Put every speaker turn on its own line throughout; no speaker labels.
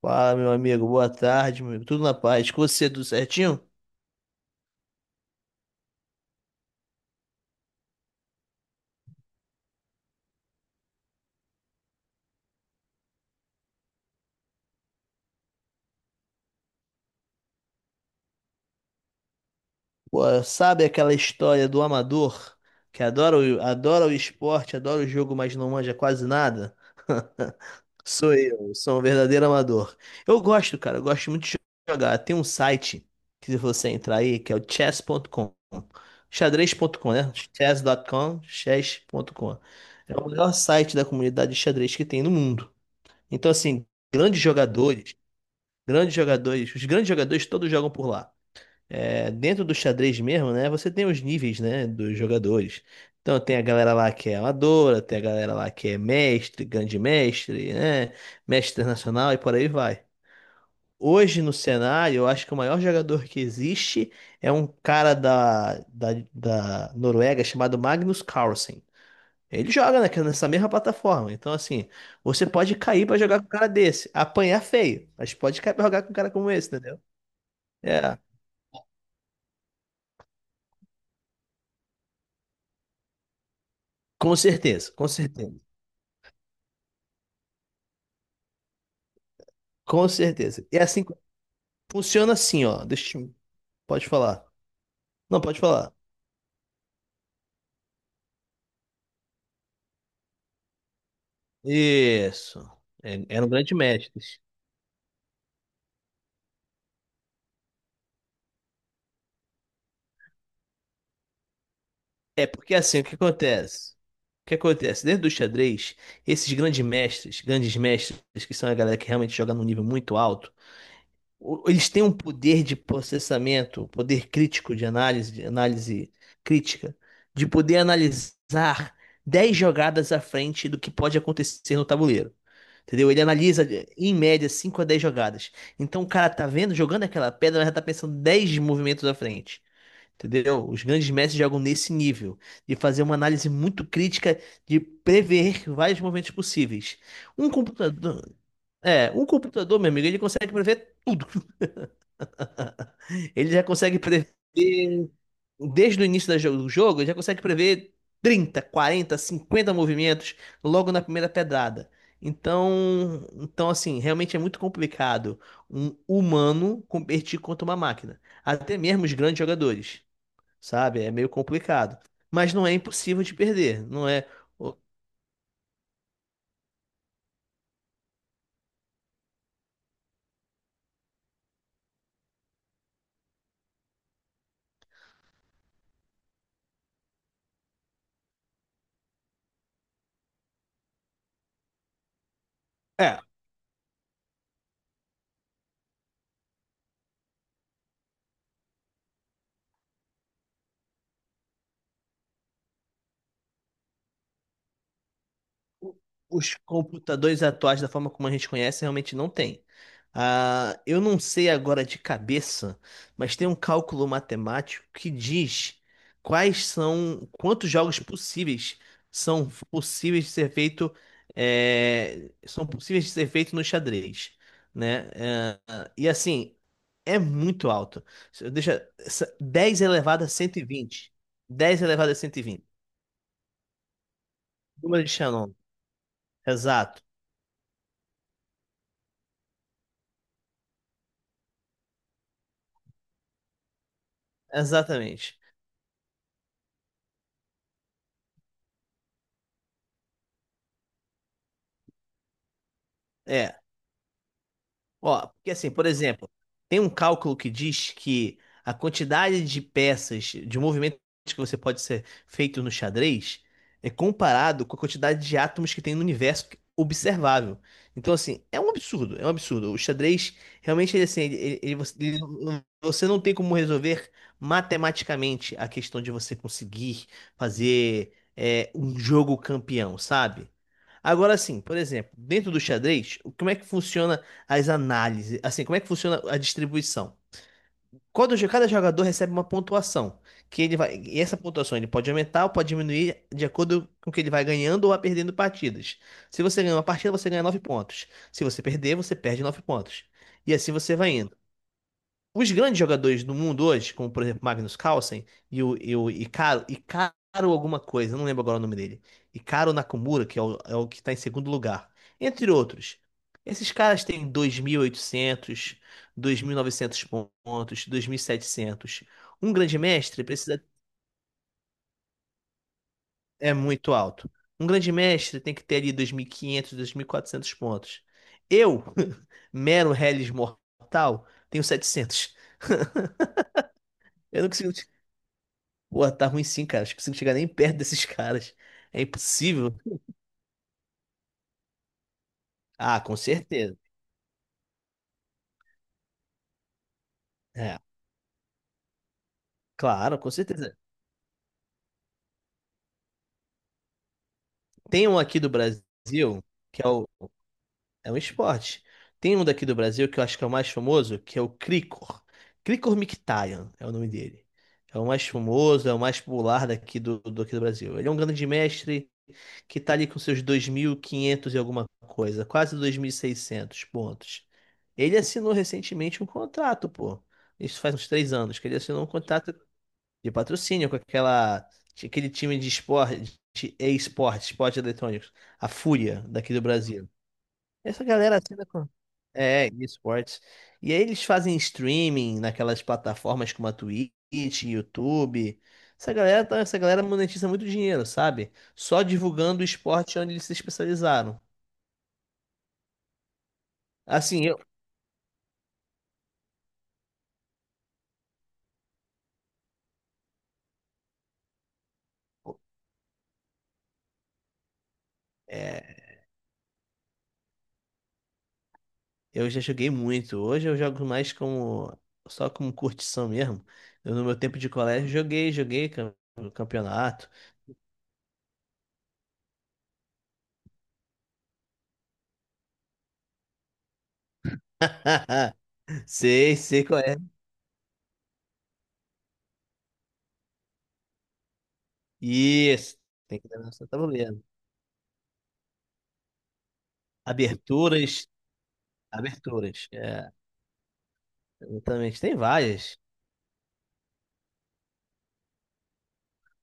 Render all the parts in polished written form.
Fala, meu amigo. Boa tarde, meu amigo. Tudo na paz. Com você, tudo certinho? Pô, sabe aquela história do amador que adora o esporte, adora o jogo, mas não manja quase nada? Sou eu, sou um verdadeiro amador. Eu gosto, cara, eu gosto muito de jogar. Tem um site que se você entrar aí, que é o chess.com. Xadrez.com, né? Chess.com, chess.com. É o melhor site da comunidade de xadrez que tem no mundo. Então, assim, grandes jogadores. Grandes jogadores, os grandes jogadores todos jogam por lá. É, dentro do xadrez mesmo, né? Você tem os níveis, né, dos jogadores. Então tem a galera lá que é amadora, tem a galera lá que é mestre, grande mestre, né? Mestre internacional e por aí vai. Hoje no cenário, eu acho que o maior jogador que existe é um cara da Noruega chamado Magnus Carlsen. Ele joga nessa mesma plataforma. Então, assim, você pode cair pra jogar com um cara desse, apanhar feio, mas pode cair pra jogar com um cara como esse, entendeu? É, com certeza, com certeza, com certeza. E é assim, funciona assim, ó. Deixa eu. Pode falar. Não, pode falar. Isso. É, eram grandes mestres. É porque assim, o que acontece? O que acontece? Dentro do xadrez, esses grandes mestres, que são a galera que realmente joga num nível muito alto, eles têm um poder de processamento, poder crítico de análise crítica, de poder analisar 10 jogadas à frente do que pode acontecer no tabuleiro. Entendeu? Ele analisa, em média, 5 a 10 jogadas. Então o cara tá vendo, jogando aquela pedra, mas já tá pensando 10 movimentos à frente. Entendeu? Os grandes mestres jogam nesse nível, de fazer uma análise muito crítica, de prever vários movimentos possíveis. Um computador, um computador, meu amigo, ele consegue prever tudo. Ele já consegue prever, desde o início do jogo, ele já consegue prever 30, 40, 50 movimentos logo na primeira pedrada. Então assim, realmente é muito complicado um humano competir contra uma máquina. Até mesmo os grandes jogadores, sabe? É meio complicado. Mas não é impossível de perder, não é? É, o- os computadores atuais, da forma como a gente conhece, realmente não tem. Ah, eu não sei agora de cabeça, mas tem um cálculo matemático que diz quantos jogos possíveis são possíveis de ser feito, são possíveis de ser feito no xadrez, né? Ah, e assim, é muito alto. 10 elevado a 120, 10 elevado a 120. Número de Shannon. Exato. Exatamente. É, ó, porque assim, por exemplo, tem um cálculo que diz que a quantidade de peças, de movimentos que você pode ser feito no xadrez é comparado com a quantidade de átomos que tem no universo observável. Então, assim, é um absurdo, é um absurdo. O xadrez, realmente, ele, assim, você não tem como resolver matematicamente a questão de você conseguir fazer um jogo campeão, sabe? Agora sim, por exemplo, dentro do xadrez, como é que funciona? As análises, assim, como é que funciona a distribuição? Quando cada jogador recebe uma pontuação, e essa pontuação ele pode aumentar ou pode diminuir de acordo com o que ele vai ganhando ou vai perdendo partidas. Se você ganhar uma partida, você ganha 9 pontos. Se você perder, você perde 9 pontos. E assim você vai indo. Os grandes jogadores do mundo hoje, como por exemplo Magnus Carlsen e o Icaro alguma coisa, eu não lembro agora o nome dele. Icaro Nakamura, que é o que está em segundo lugar. Entre outros. Esses caras têm 2.800, 2.900 pontos, 2.700. Um grande mestre precisa. É muito alto. Um grande mestre tem que ter ali 2.500, 2.400 pontos. Eu, mero Hellis mortal, tenho 700. Eu não consigo. Pô, tá ruim sim, cara. Acho que você não chega nem perto desses caras. É impossível. Ah, com certeza. É, claro, com certeza. Tem um aqui do Brasil que é, o, é um esporte. Tem um daqui do Brasil que eu acho que é o mais famoso, que é o Cricor. Cricor Mkhitaryan é o nome dele. É o mais famoso, é o mais popular daqui aqui do Brasil. Ele é um grande mestre, que está ali com seus 2.500 e quinhentos e alguma coisa, quase 2.600 pontos. Ele assinou recentemente um contrato, pô. Isso faz uns 3 anos que ele assinou um contrato de patrocínio com aquele time de esporte, de e-esporte, esporte eletrônicos, a Fúria daqui do Brasil. Essa galera assina com. É, esportes. E aí eles fazem streaming naquelas plataformas como a Twitch, YouTube. Essa galera monetiza muito dinheiro, sabe? Só divulgando o esporte onde eles se especializaram. Assim, é, eu já joguei muito. Hoje eu jogo mais como só como curtição mesmo. Eu, no meu tempo de colégio joguei campeonato. Sei, sei qual é. Isso. Tem que dar nossa tabuleiro. Aberturas, aberturas. É, exatamente. Tem várias.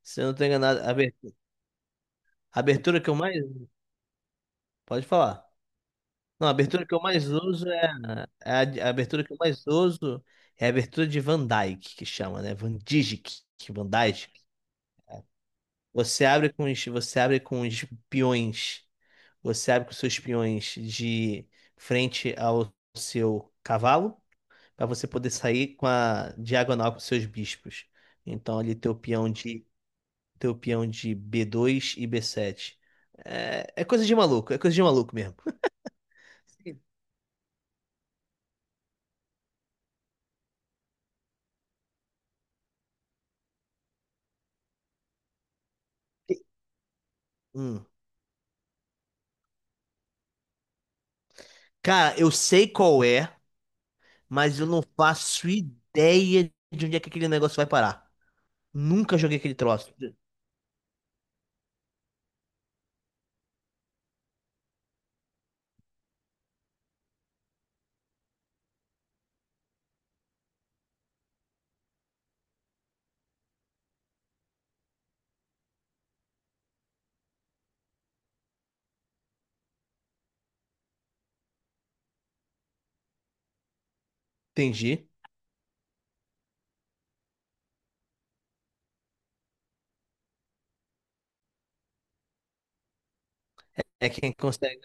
Se eu não tô enganado, a abertura que eu mais. Pode falar. Não, a abertura que eu mais uso a abertura que eu mais uso é a abertura de Van Dyke, que chama, né? Van Dijk, Van Dijk. Você abre com os peões. Você abre com os seus peões de frente ao seu cavalo, para você poder sair com a diagonal com os seus bispos. Então, ali teu peão de b2 e b7. É coisa de maluco, é coisa de maluco mesmo. Hum. Cara, eu sei qual é, mas eu não faço ideia de onde é que aquele negócio vai parar. Nunca joguei aquele troço. Entendi. É quem consegue.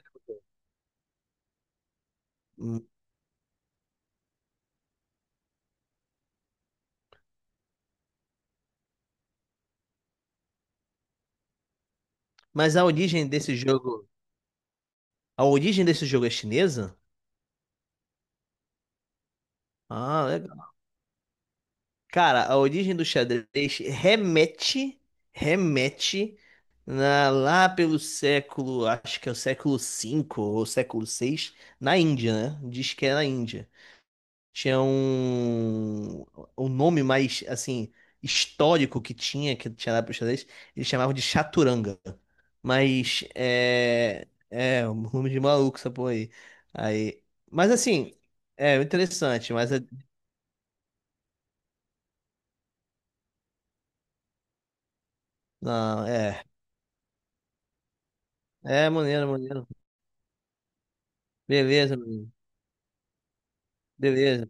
Hum. Mas a origem desse jogo é chinesa? Ah, cara, a origem do xadrez remete lá pelo século, acho que é o século V ou século VI, na Índia, né? Diz que é na Índia. Tinha um nome mais, assim, histórico que tinha, lá pro xadrez, eles chamavam de chaturanga. Mas é um nome de maluco essa porra aí. Aí, mas assim, é interessante, não, é maneiro, maneiro. Beleza, meu amigo. Beleza.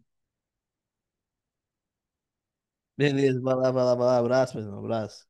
Beleza. Vai lá, vai lá, vai lá. Abraço, meu irmão. Abraço.